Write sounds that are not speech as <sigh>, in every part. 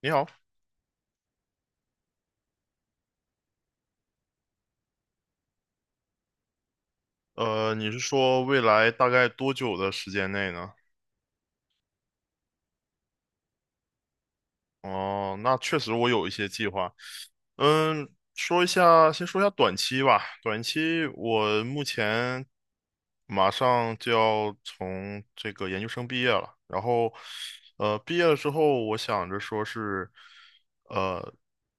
你好，你是说未来大概多久的时间内呢？哦，那确实我有一些计划。嗯，说一下，先说一下短期吧。短期我目前马上就要从这个研究生毕业了，然后，毕业了之后，我想着说是，呃，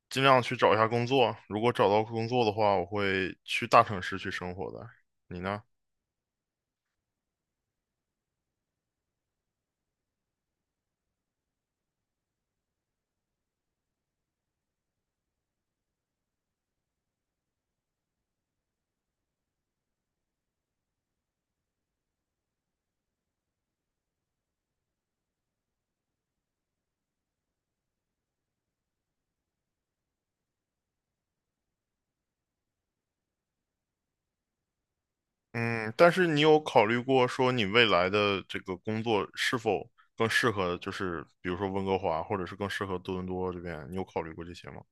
尽量去找一下工作。如果找到工作的话，我会去大城市去生活的。你呢？嗯，但是你有考虑过说你未来的这个工作是否更适合，就是比如说温哥华，或者是更适合多伦多这边，你有考虑过这些吗？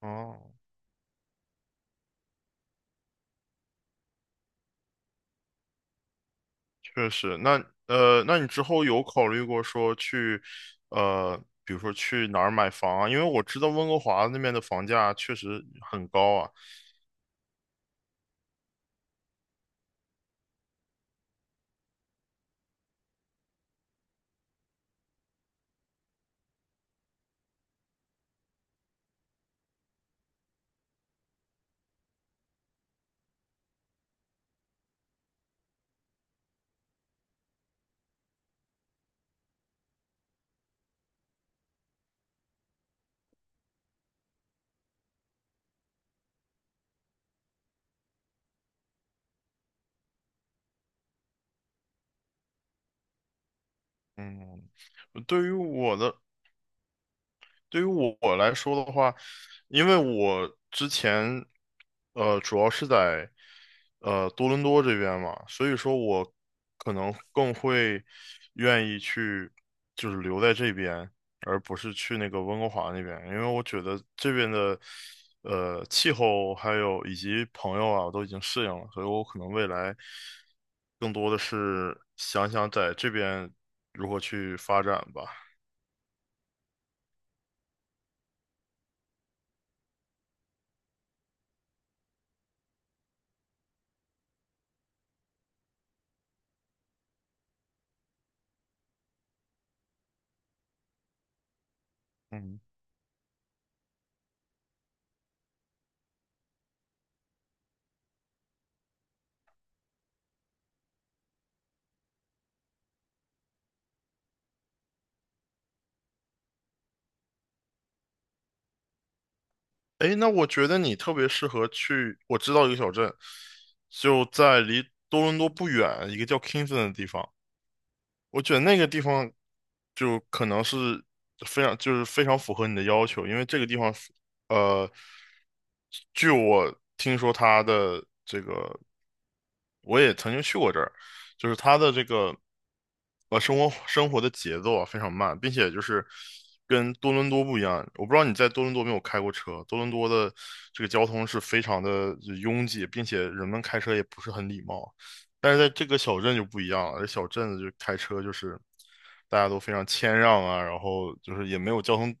哦，确实。那那你之后有考虑过说去，呃，比如说去哪儿买房啊？因为我知道温哥华那边的房价确实很高啊。嗯，对于我的，对于我来说的话，因为我之前，主要是在，多伦多这边嘛，所以说我可能更会愿意去，就是留在这边，而不是去那个温哥华那边，因为我觉得这边的，气候还有以及朋友啊，我都已经适应了，所以我可能未来更多的是想在这边如何去发展吧。嗯，哎，那我觉得你特别适合去，我知道一个小镇，就在离多伦多不远，一个叫 Kingston 的地方。我觉得那个地方就可能是非常符合你的要求，因为这个地方是呃，据我听说它的这个，我也曾经去过这儿，就是它的这个生活的节奏啊非常慢，并且就是跟多伦多不一样。我不知道你在多伦多没有开过车，多伦多的这个交通是非常的拥挤，并且人们开车也不是很礼貌。但是在这个小镇就不一样了，这小镇就开车就是大家都非常谦让啊，然后就是也没有交通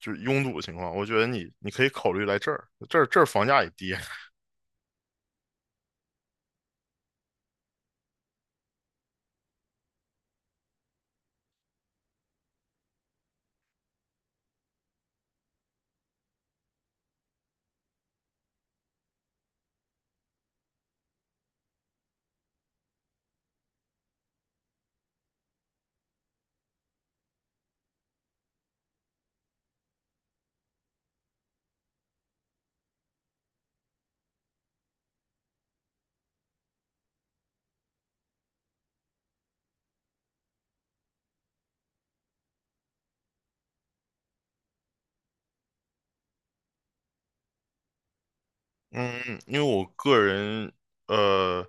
就是拥堵的情况。我觉得你可以考虑来这儿，这儿房价也低。嗯，因为我个人呃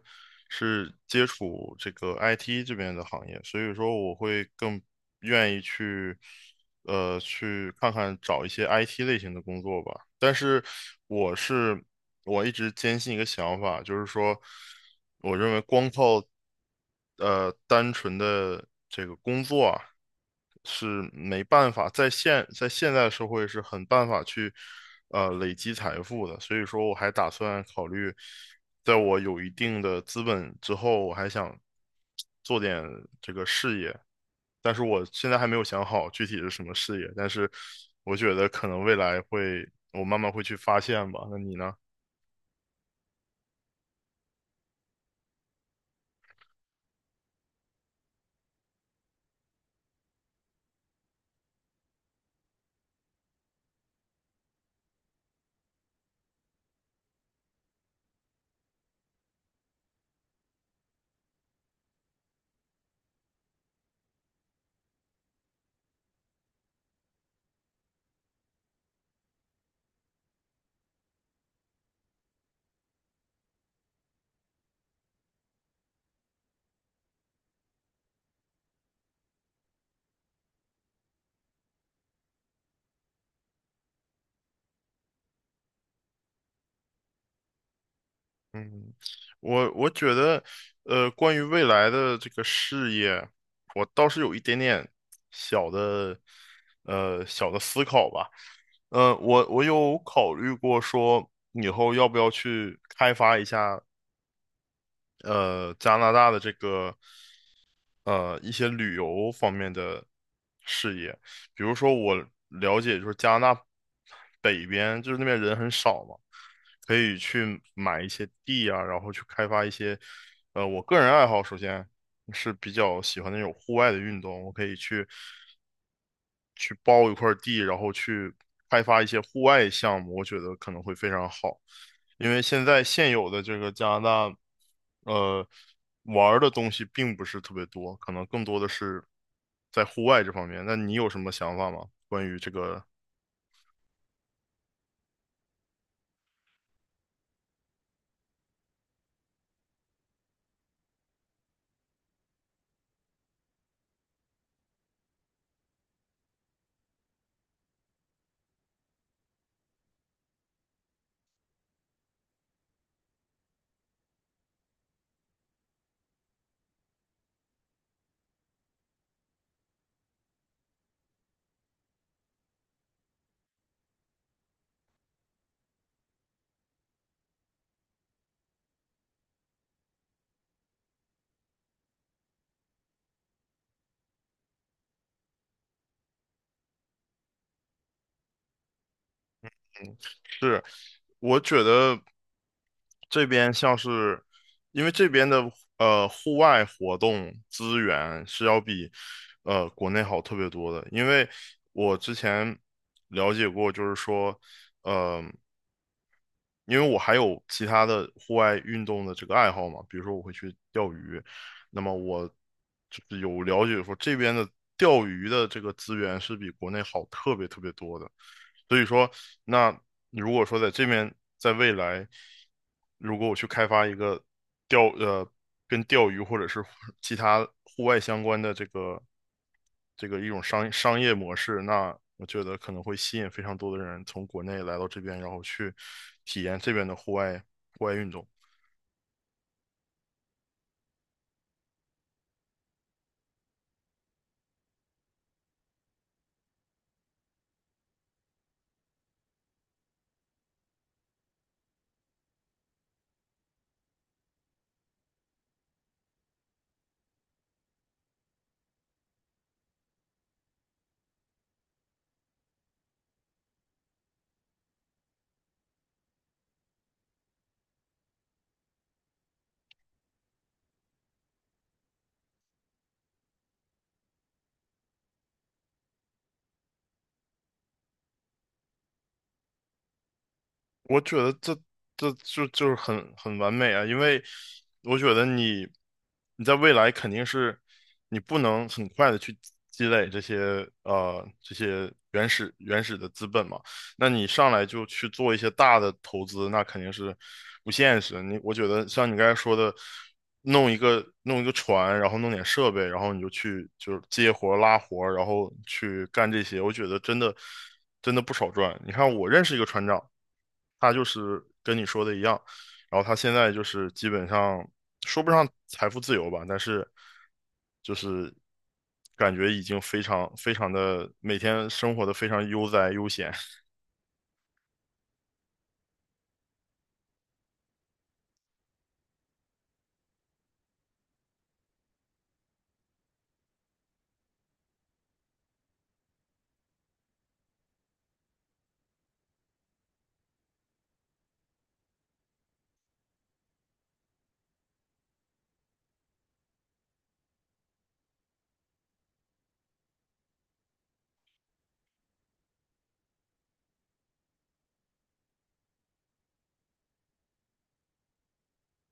是接触这个 IT 这边的行业，所以说我会更愿意去去看看找一些 IT 类型的工作吧。但是我是我一直坚信一个想法，就是说，我认为光靠单纯的这个工作啊，是没办法在现在社会是很办法去累积财富的，所以说我还打算考虑，在我有一定的资本之后，我还想做点这个事业，但是我现在还没有想好具体是什么事业，但是我觉得可能未来会，我慢慢会去发现吧。那你呢？我觉得，关于未来的这个事业，我倒是有一点点小的，小的思考吧。我有考虑过说，以后要不要去开发一下，加拿大的这个。一些旅游方面的事业，比如说我了解就是加拿大北边就是那边人很少嘛，可以去买一些地啊，然后去开发一些，我个人爱好首先是比较喜欢那种户外的运动，我可以去包一块地，然后去开发一些户外项目，我觉得可能会非常好。因为现有的这个加拿大，呃，玩儿的东西并不是特别多，可能更多的是在户外这方面。那你有什么想法吗？关于这个？是，我觉得这边像是，因为这边的户外活动资源是要比国内好特别多的，因为我之前了解过，就是说，呃，因为我还有其他的户外运动的这个爱好嘛，比如说我会去钓鱼，那么我就是有了解说这边的钓鱼的这个资源是比国内好特别特别多的。所以说，那如果说在这边，在未来，如果我去开发一个钓呃跟钓鱼或者是 <laughs> 其他户外相关的这个这个一种商业模式，那我觉得可能会吸引非常多的人从国内来到这边，然后去体验这边的户外运动。我觉得这就是很完美啊，因为我觉得你在未来肯定是你不能很快的去积累这些这些原始的资本嘛，那你上来就去做一些大的投资，那肯定是不现实。你我觉得像你刚才说的，弄一个船，然后弄点设备，然后你就去就是接活拉活然后去干这些，我觉得真的不少赚。你看我认识一个船长，他就是跟你说的一样，然后他现在就是基本上说不上财富自由吧，但是就是感觉已经非常非常的每天生活的非常悠哉悠闲。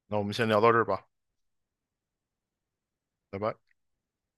那我们先聊到这儿吧，拜拜。